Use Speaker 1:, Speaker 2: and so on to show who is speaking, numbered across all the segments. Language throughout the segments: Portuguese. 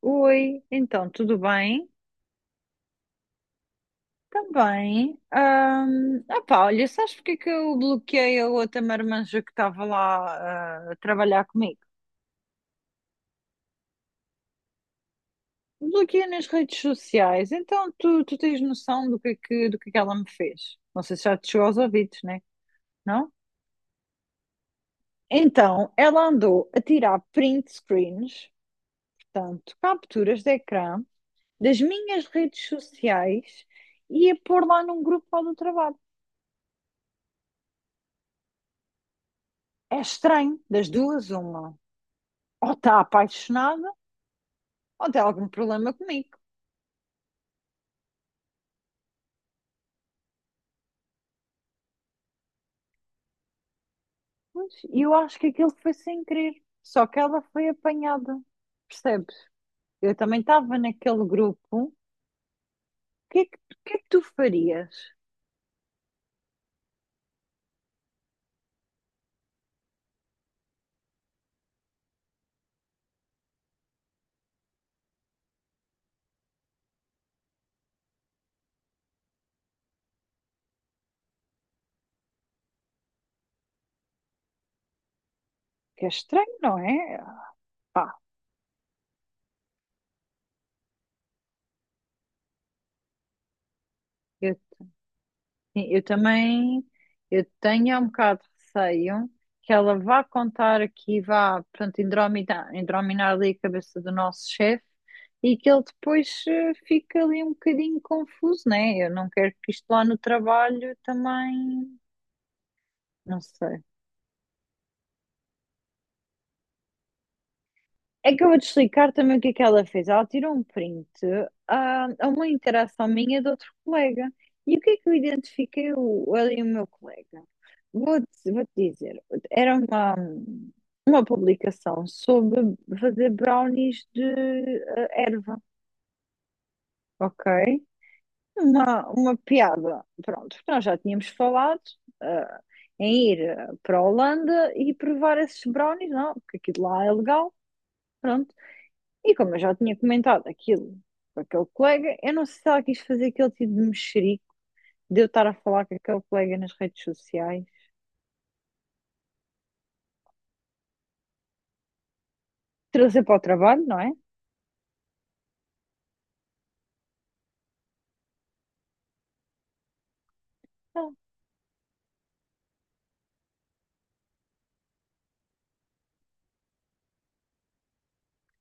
Speaker 1: Oi, então, tudo bem? Também. Opá, olha, sabes porque é que eu bloqueei a outra marmanja que estava lá a trabalhar comigo? Bloqueei nas redes sociais, então tu tens noção do que é que ela me fez? Não sei se já te chegou aos ouvidos, né? Não? Então, ela andou a tirar print screens, portanto, capturas de ecrã, das minhas redes sociais e a pôr lá num grupo lá do trabalho. É estranho, das duas, uma. Ou está apaixonada ou tem algum problema comigo. E eu acho que aquilo foi sem querer, só que ela foi apanhada, percebes? Eu também estava naquele grupo. O que é que tu farias? Que é estranho, não é? Pá, eu sim, eu também eu tenho um bocado de receio que ela vá contar aqui, vá, pronto, indrominar, indrominar ali a cabeça do nosso chefe e que ele depois fique ali um bocadinho confuso, né? Eu não quero que isto lá no trabalho também, não sei. É que eu vou-te explicar também o que é que ela fez. Ela tirou um print a uma interação minha de outro colega. E o que é que eu identifiquei o, ele e o meu colega? Vou-te dizer, era uma publicação sobre fazer brownies de erva, ok? Uma piada, pronto, porque nós já tínhamos falado ah, em ir para a Holanda e provar esses brownies, não, porque aquilo lá é legal, pronto. E como eu já tinha comentado aquilo com aquele colega, eu não sei se ela quis fazer aquele tipo de mexerico de eu estar a falar com aquele colega nas redes sociais, trazer para o trabalho, não é? Não.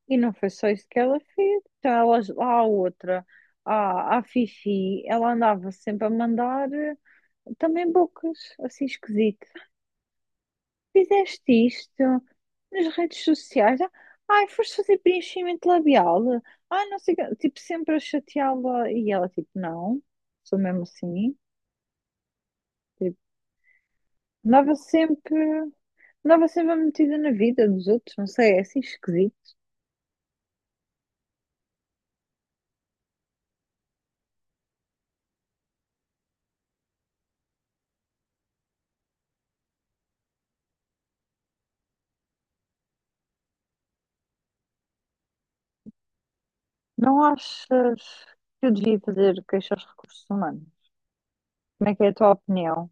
Speaker 1: E não foi só isso que ela fez. Então, ela, lá a outra, a Fifi, ela andava sempre a mandar também bocas, assim esquisito. Fizeste isto nas redes sociais? Ah, ai, foste fazer preenchimento labial? Ah, não sei o quê. Tipo, sempre a chateá-la. E ela, tipo, não, sou mesmo assim. Tipo, andava sempre, andava sempre metida na vida dos outros, não sei, é assim esquisito. Não achas que eu devia fazer queixa aos recursos humanos? Como é que é a tua opinião?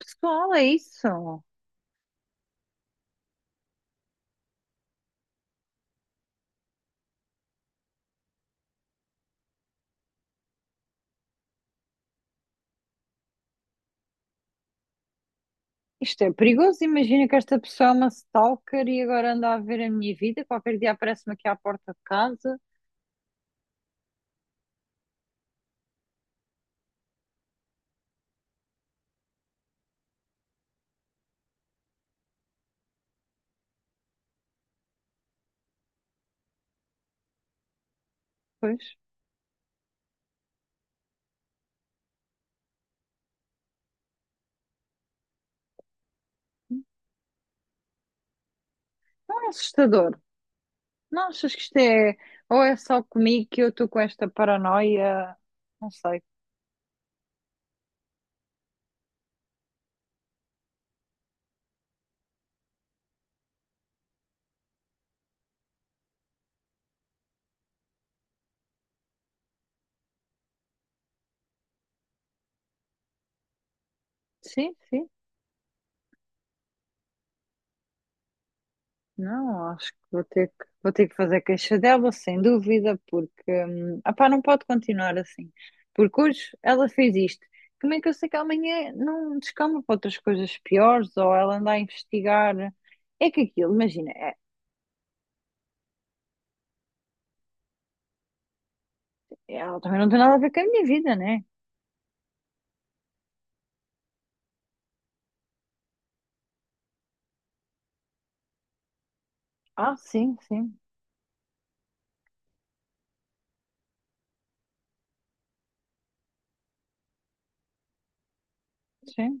Speaker 1: Pessoal, é isso. Isto é perigoso. Imagina que esta pessoa é uma stalker e agora anda a ver a minha vida. Qualquer dia aparece-me aqui à porta de casa. Pois, não é assustador. Não achas que isto é. Ou é só comigo que eu estou com esta paranoia? Não sei. Sim, sim. Não, acho que vou ter que fazer queixa dela, sem dúvida, porque opá, não pode continuar assim. Porque hoje ela fez isto. Como é que eu sei que amanhã não descamba para outras coisas piores ou ela anda a investigar? É que aquilo, imagina, ela também não tem nada a ver com a minha vida, né? Ah, sim, sim, sim.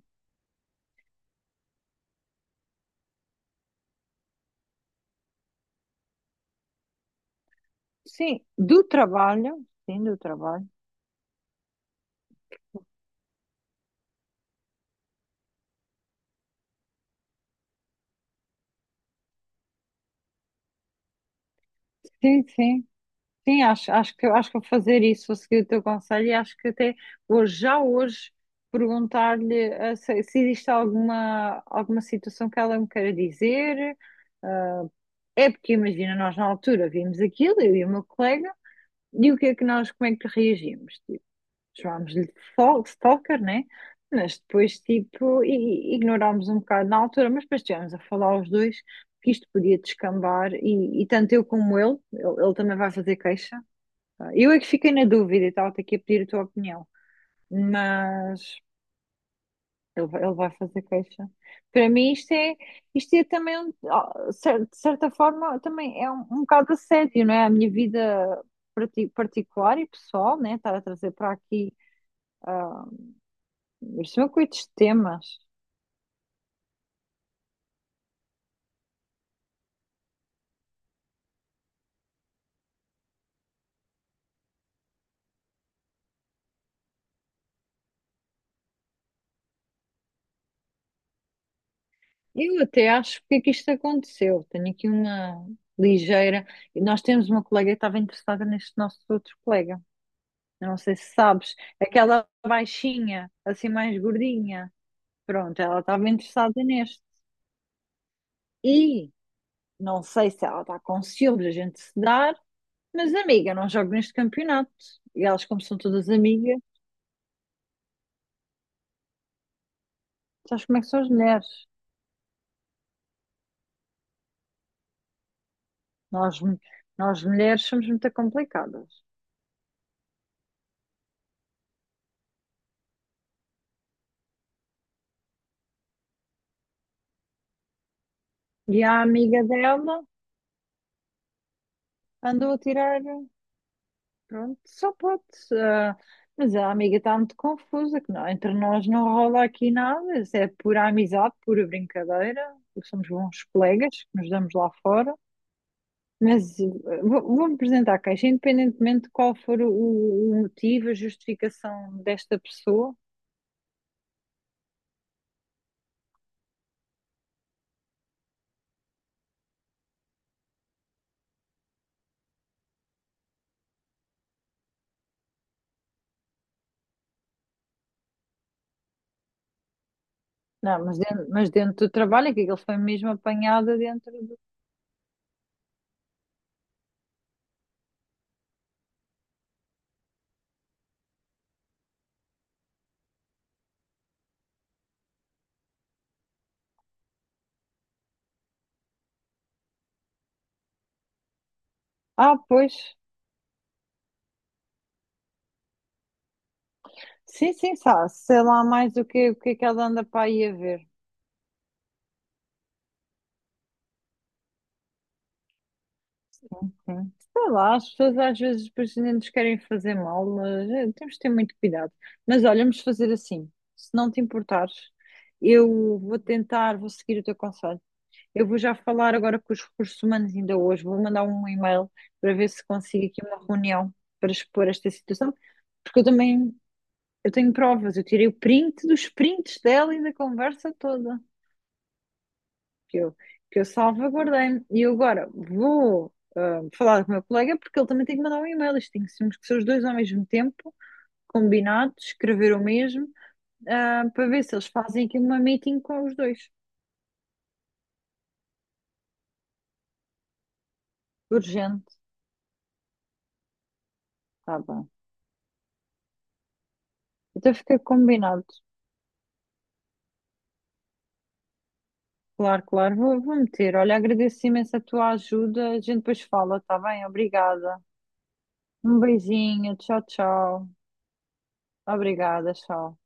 Speaker 1: Sim, do trabalho, sim, do trabalho. Sim, sim. Sim, acho que vou fazer isso, vou seguir o teu conselho e acho que até hoje, já hoje, perguntar-lhe se, se existe alguma situação que ela me queira dizer. Eh, É porque imagina, nós na altura vimos aquilo, eu e o meu colega, e o que é que nós, como é que reagimos? Tipo, chamámos-lhe de stalker, né? Mas depois, tipo, ignorámos um bocado na altura, mas depois estivemos a falar os dois que isto podia descambar e tanto eu como ele, ele também vai fazer queixa, eu é que fiquei na dúvida e estava-te aqui a pedir a tua opinião, mas vai ele vai fazer queixa. Para mim, isto é também, de certa forma, também é um bocado assédio, não é? A minha vida particular e pessoal, né? Estar a trazer para aqui, isto são coitos de temas. Eu até acho porque é que isto aconteceu. Tenho aqui uma ligeira. E nós temos uma colega que estava interessada neste nosso outro colega. Eu não sei se sabes, aquela baixinha, assim mais gordinha. Pronto, ela estava interessada neste. E não sei se ela está com ciúmes a gente se dar, mas amiga, não jogo neste campeonato. E elas, como são todas amigas, sabes como é que são as mulheres? Nós, mu- nós mulheres somos muito complicadas. E a amiga dela andou a tirar, pronto, só pode. ah, mas a amiga está muito confusa, que não, entre nós não rola aqui nada, isso é pura amizade, pura brincadeira, somos bons colegas que nos damos lá fora. Mas vou-me apresentar a queixa, independentemente de qual for o motivo, a justificação desta pessoa. Não, mas dentro do trabalho, é que ele foi mesmo apanhado dentro do. Ah, pois. Sim, sim, sabe, sei lá mais o o que é que ela anda para aí a ver. Sim. Sei lá, as pessoas às vezes depois nem nos querem fazer mal, mas temos de ter muito cuidado. Mas olha, vamos fazer assim, se não te importares, vou seguir o teu conselho. Eu vou já falar agora com os recursos humanos ainda hoje. Vou mandar um e-mail para ver se consigo aqui uma reunião para expor esta situação, porque eu também eu tenho provas. Eu tirei o print dos prints dela e da conversa toda que eu, que eu salvaguardei. E eu agora vou falar com o meu colega porque ele também tem que mandar um e-mail. Isto tem que ser os dois ao mesmo tempo, combinados, escrever o mesmo, para ver se eles fazem aqui uma meeting com os dois. Urgente, tá bem. Então fica combinado. Claro, claro, vou meter. Olha, agradeço imenso a tua ajuda. A gente depois fala, tá bem? Obrigada. Um beijinho, tchau, tchau. Obrigada, tchau.